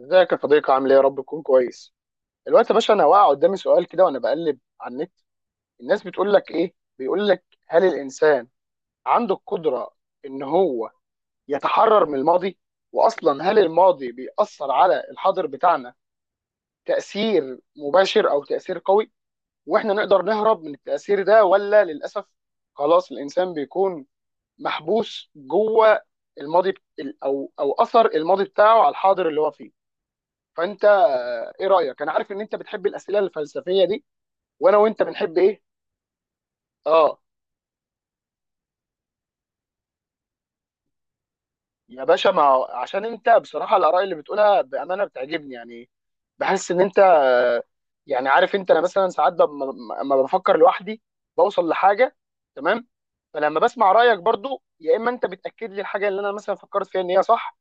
ازيك يا صديقي؟ عامل ايه؟ يا رب تكون كويس الوقت يا باشا. انا واقع قدامي سؤال كده وانا بقلب على النت. الناس بتقول لك ايه؟ بيقول لك هل الانسان عنده القدره ان هو يتحرر من الماضي؟ واصلا هل الماضي بيأثر على الحاضر بتاعنا تأثير مباشر او تأثير قوي؟ واحنا نقدر نهرب من التأثير ده ولا للاسف خلاص الانسان بيكون محبوس جوه الماضي بت- او او اثر الماضي بتاعه على الحاضر اللي هو فيه. فانت ايه رايك؟ انا عارف ان انت بتحب الاسئله الفلسفيه دي، وانا وانت بنحب ايه. اه. يا باشا ما هو- عشان انت بصراحه الاراء اللي بتقولها بامانه بتعجبني، يعني بحس ان انت يعني عارف انت. انا مثلا ساعات لما بفكر لوحدي بوصل لحاجه، تمام. فلما بسمع رايك برضو، يا اما انت بتاكد لي الحاجه اللي انا مثلا فكرت فيها ان هي صح،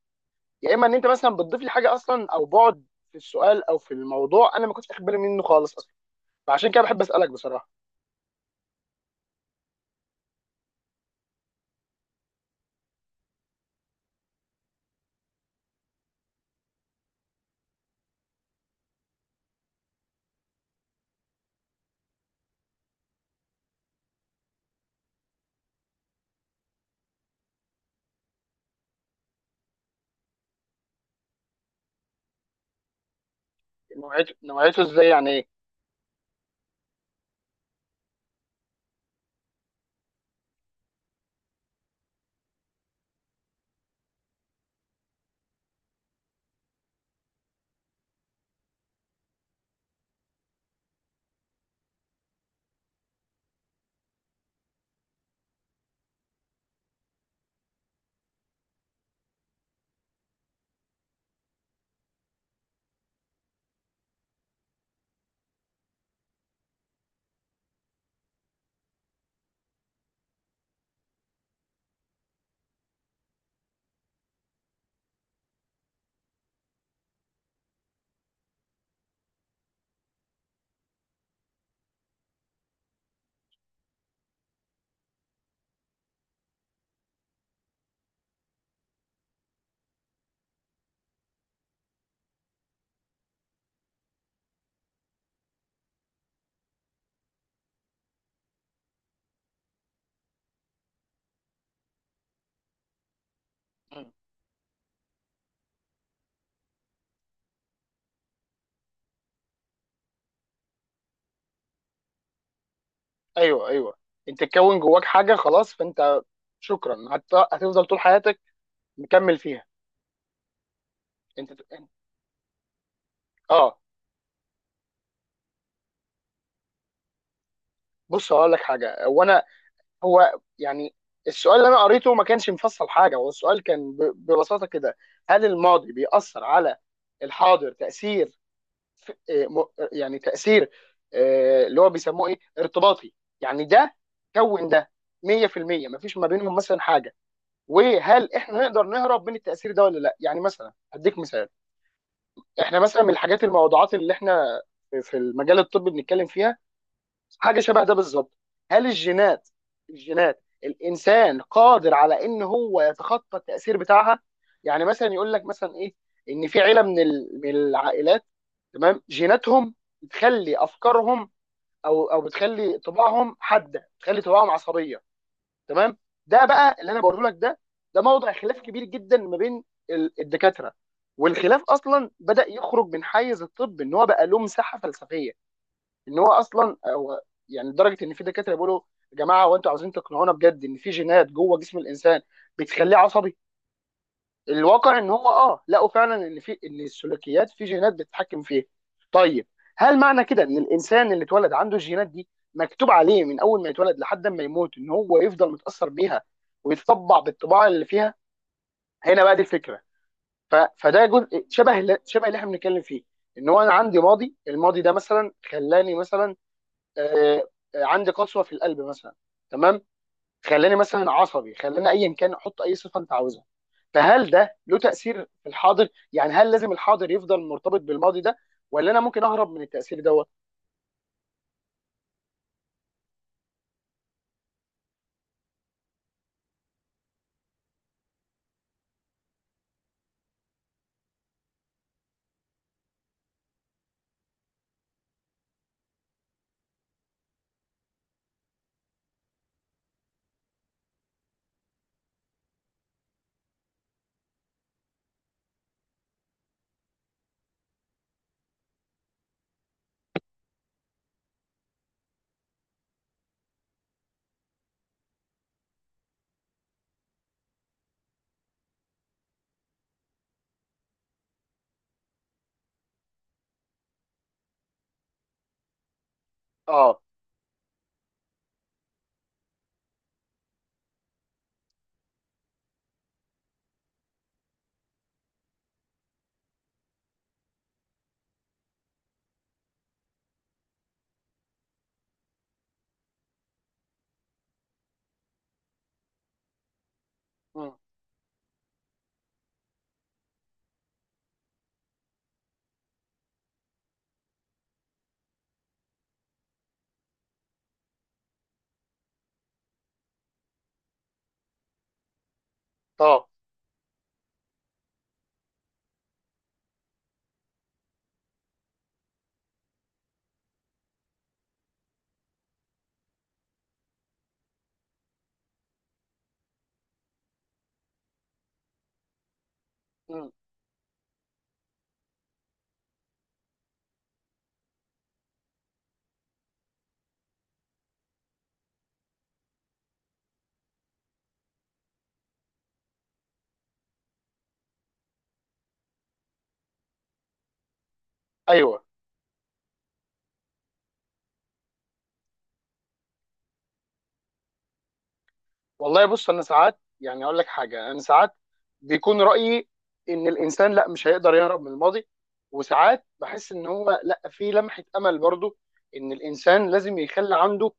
يا اما ان انت مثلا بتضيف لي حاجه اصلا، او بعد في السؤال او في الموضوع انا ما كنتش واخد بالي منه خالص اصلا. فعشان كده بحب اسالك بصراحه. نوعيته ازاي؟ يعني ايه؟ مم. ايوه، ايوه. انت تكون جواك حاجه خلاص، فانت شكرا هتفضل طول حياتك مكمل فيها. انت أنت- اه. بص هقول لك حاجه. هو انا هو يعني السؤال اللي انا قريته ما كانش مفصل حاجه. هو السؤال كان ببساطه كده، هل الماضي بيأثر على الحاضر تأثير آه، م... يعني تأثير اللي هو بيسموه ايه، ارتباطي، يعني ده كون ده 100% مفيش ما بينهم مثلا حاجه. وهل احنا نقدر نهرب من التاثير ده ولا لا؟ يعني مثلا هديك مثال. احنا مثلا من الحاجات الموضوعات اللي احنا في المجال الطبي بنتكلم فيها حاجه شبه ده بالظبط. هل الجينات، الجينات الانسان قادر على ان هو يتخطى التاثير بتاعها؟ يعني مثلا يقول لك مثلا ايه، ان في عيله من العائلات تمام جيناتهم بتخلي افكارهم، او بتخلي طباعهم حاده، بتخلي طباعهم عصبيه، تمام. ده بقى اللي انا بقوله لك. ده ده موضع خلاف كبير جدا ما بين الدكاتره. والخلاف اصلا بدا يخرج من حيز الطب ان هو بقى له مساحه فلسفيه، ان هو اصلا هو، يعني لدرجه ان في دكاتره بيقولوا يا جماعه هو انتوا عاوزين تقنعونا بجد ان في جينات جوه جسم الانسان بتخليه عصبي؟ الواقع ان هو اه لقوا فعلا ان في، ان السلوكيات في جينات بتتحكم فيها. طيب، هل معنى كده ان الانسان اللي اتولد عنده الجينات دي مكتوب عليه من اول ما يتولد لحد ما يموت ان هو يفضل متاثر بيها ويتطبع بالطباع اللي فيها؟ هنا بقى دي الفكره. فده جزء شبه شبه اللي احنا بنتكلم فيه، ان هو انا عندي ماضي، الماضي ده مثلا خلاني مثلا آه، عندي قسوه في القلب مثلا، تمام. خلاني مثلا عصبي، خلاني ايا كان، حط اي صفه انت عاوزها. فهل ده له تاثير في الحاضر؟ يعني هل لازم الحاضر يفضل مرتبط بالماضي ده، ولا انا ممكن اهرب من التاثير دوت؟ اه. مم. اه. مم. ايوه. والله بص، انا ساعات يعني اقول لك حاجه، انا ساعات بيكون رايي ان الانسان لا، مش هيقدر يهرب من الماضي. وساعات بحس ان هو لا، في لمحه امل برضو، ان الانسان لازم يخلي عنده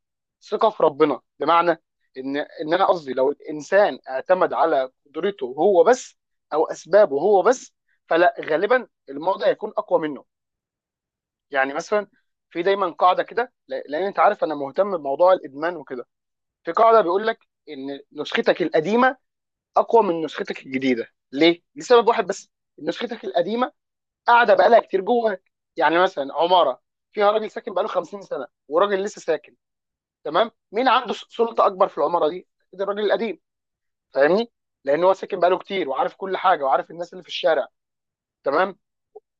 ثقه في ربنا. بمعنى ان انا قصدي لو الانسان اعتمد على قدرته هو بس، او اسبابه هو بس، فلا، غالبا الماضي هيكون اقوى منه. يعني مثلا، في دايما قاعده كده لان انت عارف انا مهتم بموضوع الادمان وكده. في قاعده بيقول لك ان نسختك القديمه اقوى من نسختك الجديده. ليه؟ لسبب واحد بس، نسختك القديمه قاعده بقالها كتير جواك. يعني مثلا عماره فيها راجل ساكن بقاله 50 سنه، وراجل لسه ساكن، تمام. مين عنده سلطه اكبر في العماره دي؟ ده الراجل القديم، فاهمني؟ لان هو ساكن بقاله كتير، وعارف كل حاجه، وعارف الناس اللي في الشارع، تمام.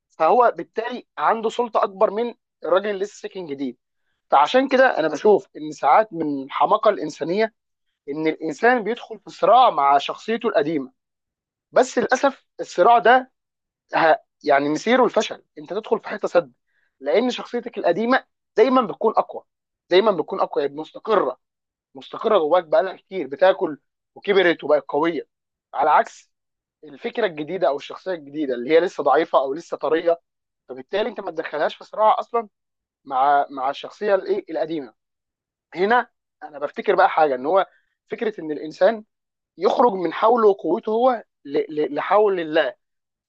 فهو بالتالي عنده سلطه اكبر من الراجل اللي لسه ساكن جديد. فعشان كده انا بشوف ان ساعات من الحماقه الانسانيه ان الانسان بيدخل في صراع مع شخصيته القديمه. بس للاسف الصراع ده ه- يعني مصيره الفشل، انت تدخل في حته سد، لان شخصيتك القديمه دايما بتكون اقوى. دايما بتكون اقوى، يعني مستقره، مستقره جواك بقالها كتير، بتاكل وكبرت وبقت قويه، على عكس الفكره الجديده او الشخصيه الجديده اللي هي لسه ضعيفه او لسه طريه. فبالتالي انت ما تدخلهاش في صراع اصلا مع الشخصيه الايه القديمه. هنا انا بفتكر بقى حاجه، ان هو فكره ان الانسان يخرج من حوله وقوته هو لحول،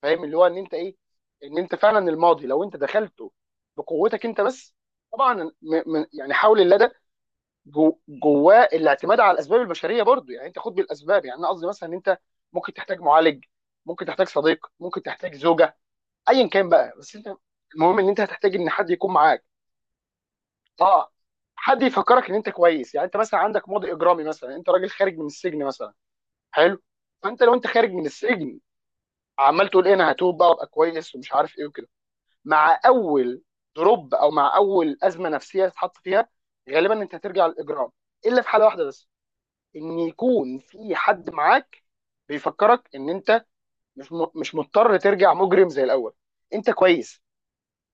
فاهم؟ اللي هو ان انت ايه، ان انت فعلا الماضي لو انت دخلته بقوتك انت بس، طبعا يعني حاول اللدى جواه الاعتماد على الاسباب البشريه برضو. يعني انت خد بالاسباب، يعني انا قصدي مثلا ان انت ممكن تحتاج معالج، ممكن تحتاج صديق، ممكن تحتاج زوجه، ايا كان بقى، بس انت المهم ان انت هتحتاج ان حد يكون معاك. اه. حد يفكرك ان انت كويس. يعني انت مثلا عندك ماضي اجرامي مثلا، انت راجل خارج من السجن مثلا، حلو. فانت لو انت خارج من السجن عمال تقول ايه، انا هتوب بقى وابقى كويس ومش عارف ايه وكده، مع اول دروب او مع اول ازمه نفسيه تتحط فيها غالبا انت هترجع للاجرام. الا في حاله واحده بس، ان يكون في حد معاك بيفكرك ان انت مش مش مضطر ترجع مجرم زي الاول، انت كويس.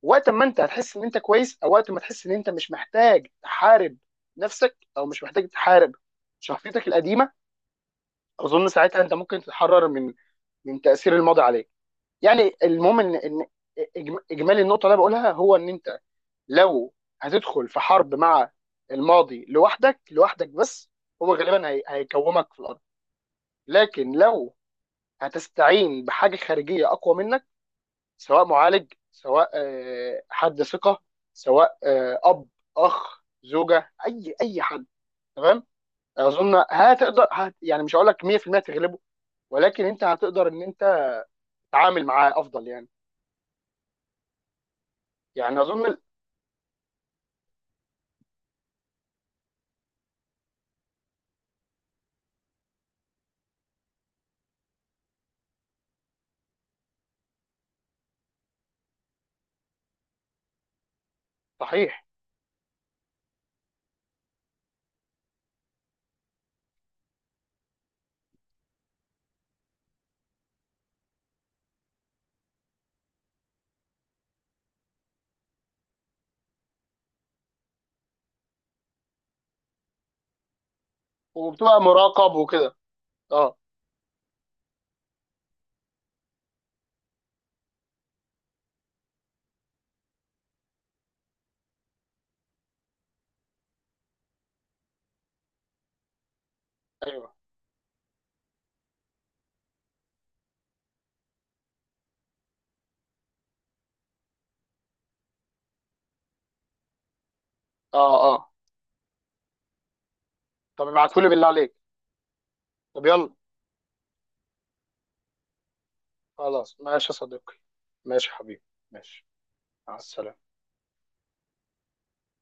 وقت ما انت هتحس ان انت كويس، او وقت ما تحس ان انت مش محتاج تحارب نفسك، او مش محتاج تحارب شخصيتك القديمه، اظن ساعتها انت ممكن تتحرر من من تاثير الماضي عليك. يعني المهم ان اجمالي النقطه اللي أنا بقولها، هو ان انت لو هتدخل في حرب مع الماضي لوحدك، لوحدك بس، هو غالبا هيكومك في الارض. لكن لو هتستعين بحاجه خارجيه اقوى منك، سواء معالج، سواء حد ثقه، سواء اب، اخ، زوجه، اي حد، تمام، اظن هتقدر هت يعني مش هقول لك 100% تغلبه، ولكن انت هتقدر ان انت تتعامل معاه افضل يعني. يعني اظن. صحيح. وبتبقى مراقب وكده. اه. ايوه. اه. اه. طب ابعتهولي بالله عليك. طب يلا. خلاص ماشي يا صديقي. ماشي يا حبيبي. ماشي. مع السلامة.